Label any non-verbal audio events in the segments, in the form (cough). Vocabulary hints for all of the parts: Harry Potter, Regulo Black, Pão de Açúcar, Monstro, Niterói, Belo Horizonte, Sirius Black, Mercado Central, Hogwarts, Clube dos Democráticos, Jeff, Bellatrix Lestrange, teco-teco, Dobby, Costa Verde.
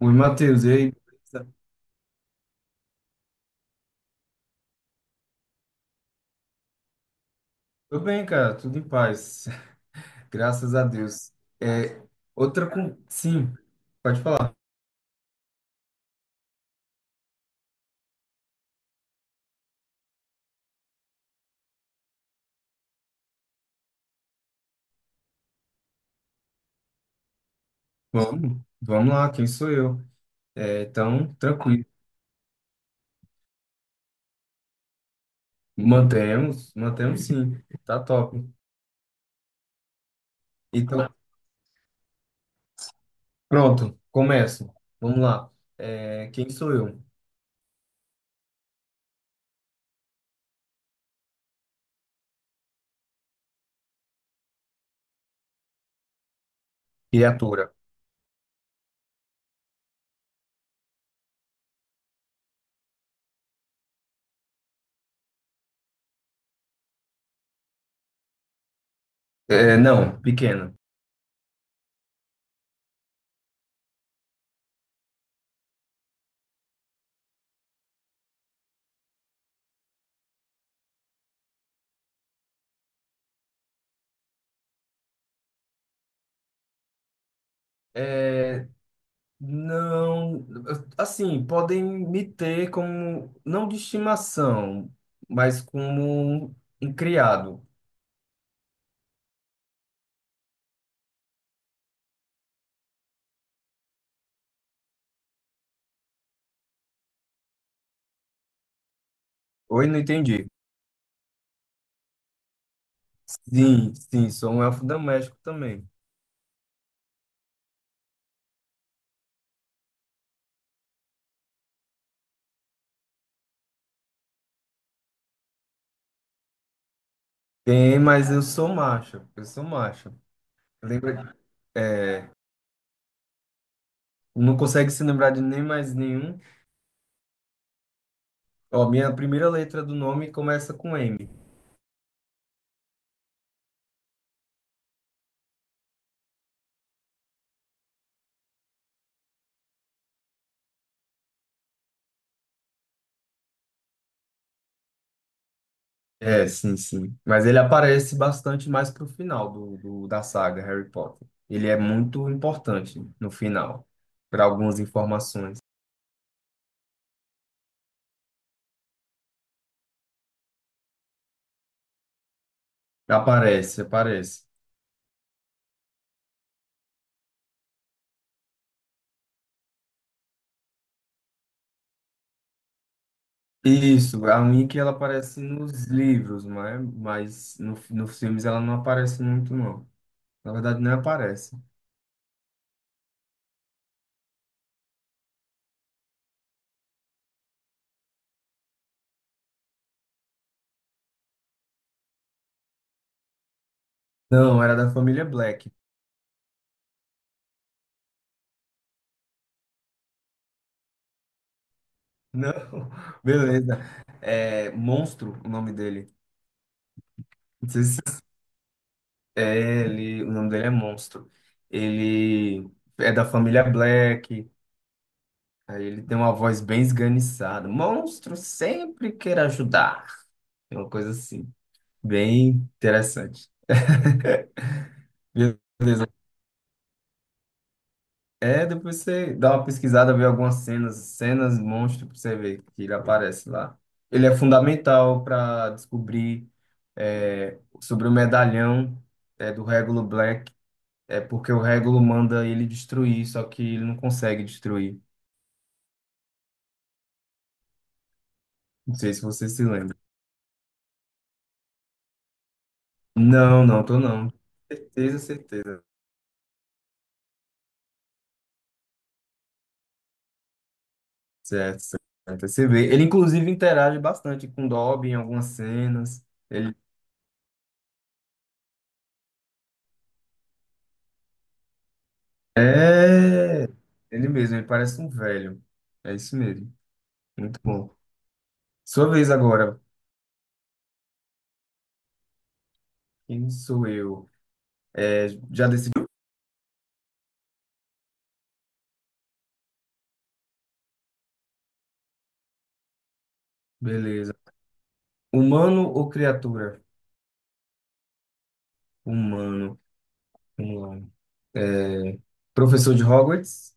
Oi, Matheus, e aí? Beleza? Tô bem, cara, tudo em paz, (laughs) graças a Deus. É, Sim, pode falar. Vamos, vamos lá, quem sou eu? É, então, tranquilo. Mantemos, mantemos sim, tá top. Então, pronto, começo. Vamos lá. É, quem sou eu? Criatura. É, não, pequena. É, não, assim, podem me ter como, não de estimação, mas como um criado. Oi, não entendi. Sim, sim, sou um elfo doméstico também. Tem, mas eu sou macho, eu sou macho. Lembra, é, não consegue se lembrar de nem mais nenhum. Ó, minha primeira letra do nome começa com M. É, sim, sim. Mas ele aparece bastante mais pro final da saga Harry Potter. Ele é muito importante no final, para algumas informações. Aparece, aparece. Isso, a Mickey ela aparece nos livros, né? Mas nos filmes ela não aparece muito, não. Na verdade, não aparece. Não, era da família Black. Não, (laughs) beleza. É Monstro o nome dele. Não sei se É, ele, O nome dele é Monstro. Ele é da família Black. Aí ele tem uma voz bem esganiçada. Monstro sempre quer ajudar. É uma coisa assim, bem interessante. (laughs) Meu Deus. É, depois você dá uma pesquisada, vê algumas cenas, cenas monstro, pra você ver que ele aparece lá. Ele é fundamental para descobrir sobre o medalhão do Regulo Black. É porque o Regulo manda ele destruir, só que ele não consegue destruir. Não sei se você se lembra. Não, não, tô não. Certeza, certeza. Certo, certo. Você vê. Ele, inclusive, interage bastante com o Dobby em algumas cenas. Ele é... Ele mesmo, ele parece um velho. É isso mesmo. Muito bom. Sua vez agora. Quem sou eu? É, já decidiu? Beleza. Humano ou criatura? Humano. Vamos lá. É, professor de Hogwarts?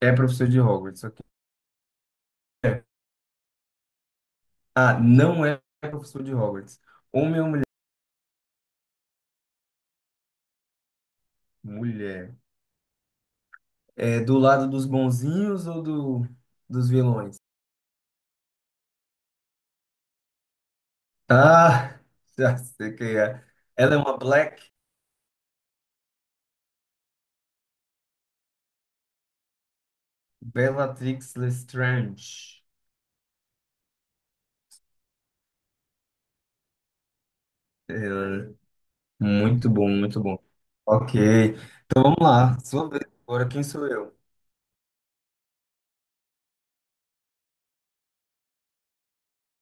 É professor de Hogwarts, ok. Ah, não é professor de Hogwarts. Homem ou mulher? Mulher. É do lado dos bonzinhos ou dos vilões? Ah, (laughs) já sei quem é. Ela é uma Black. Bellatrix Lestrange. É, muito bom, muito bom. Ok. Então vamos lá. Sua vez. Agora quem sou eu?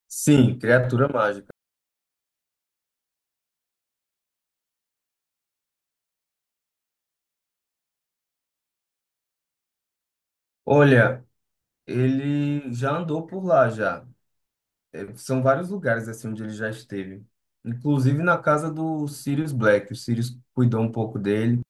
Sim, criatura mágica. Olha, ele já andou por lá já. São vários lugares assim onde ele já esteve. Inclusive na casa do Sirius Black. O Sirius cuidou um pouco dele.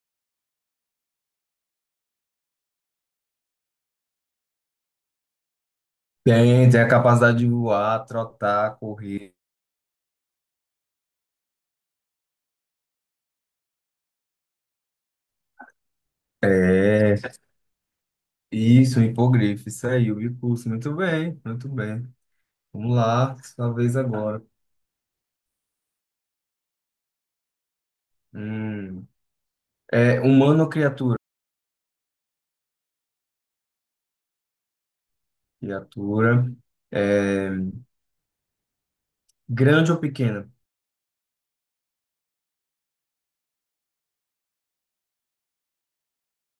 Tem a capacidade de voar, trotar, correr. É, isso, um hipogrifo, isso aí, o bicurso. Muito bem, muito bem. Vamos lá, sua vez agora. Hum. É humano ou criatura? Criatura. É, grande ou pequena?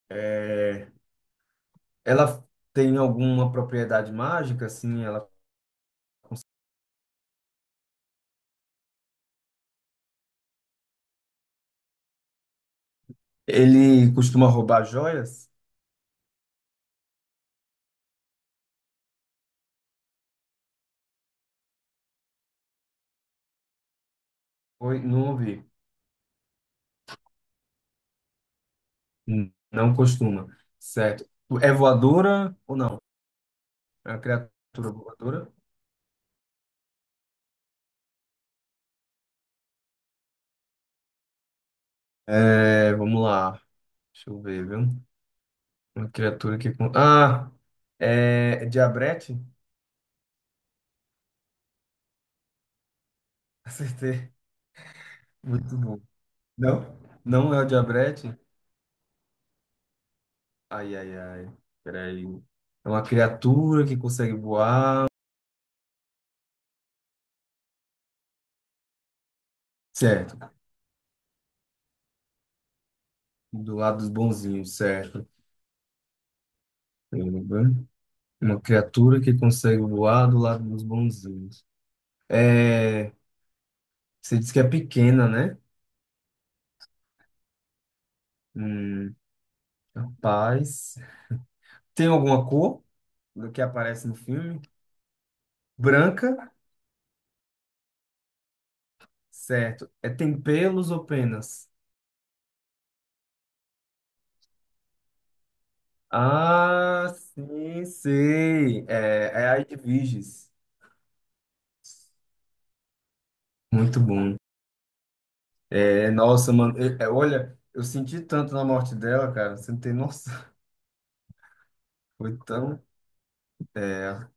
É, ela tem alguma propriedade mágica, assim? Ele costuma roubar joias? Oi, não ouvi. Não costuma. Certo. É voadora ou não? É uma criatura voadora? É, vamos lá. Deixa eu ver, viu? Uma criatura que. Com- Ah! É diabrete? (laughs) Acertei. Muito bom. Não? Não é o diabrete? Ai, ai, ai. Peraí. É uma criatura que consegue voar. Certo. Do lado dos bonzinhos, certo. Uma criatura que consegue voar do lado dos bonzinhos. É. Você disse que é pequena, né? Hum, rapaz. Tem alguma cor do que aparece no filme? Branca, certo. É, tem pelos ou penas? Ah, sim, sei. É a de Virgis. Muito bom. É, nossa, mano. Olha, eu senti tanto na morte dela, cara. Você não tem noção. Foi tão. é,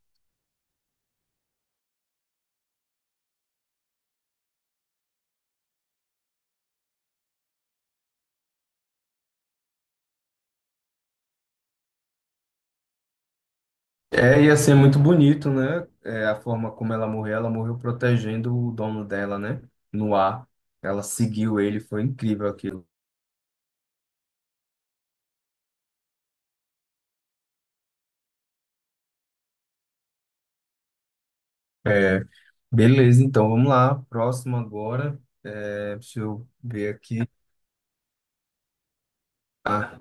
Ia ser muito bonito, né? É, a forma como ela morreu protegendo o dono dela, né? No ar. Ela seguiu ele, foi incrível aquilo. É, beleza, então vamos lá. Próximo agora. É, deixa eu ver aqui. Ah,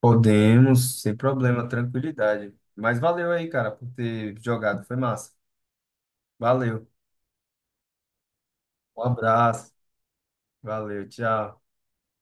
podemos, sem problema, tranquilidade. Mas valeu aí, cara, por ter jogado. Foi massa. Valeu. Um abraço. Valeu, tchau.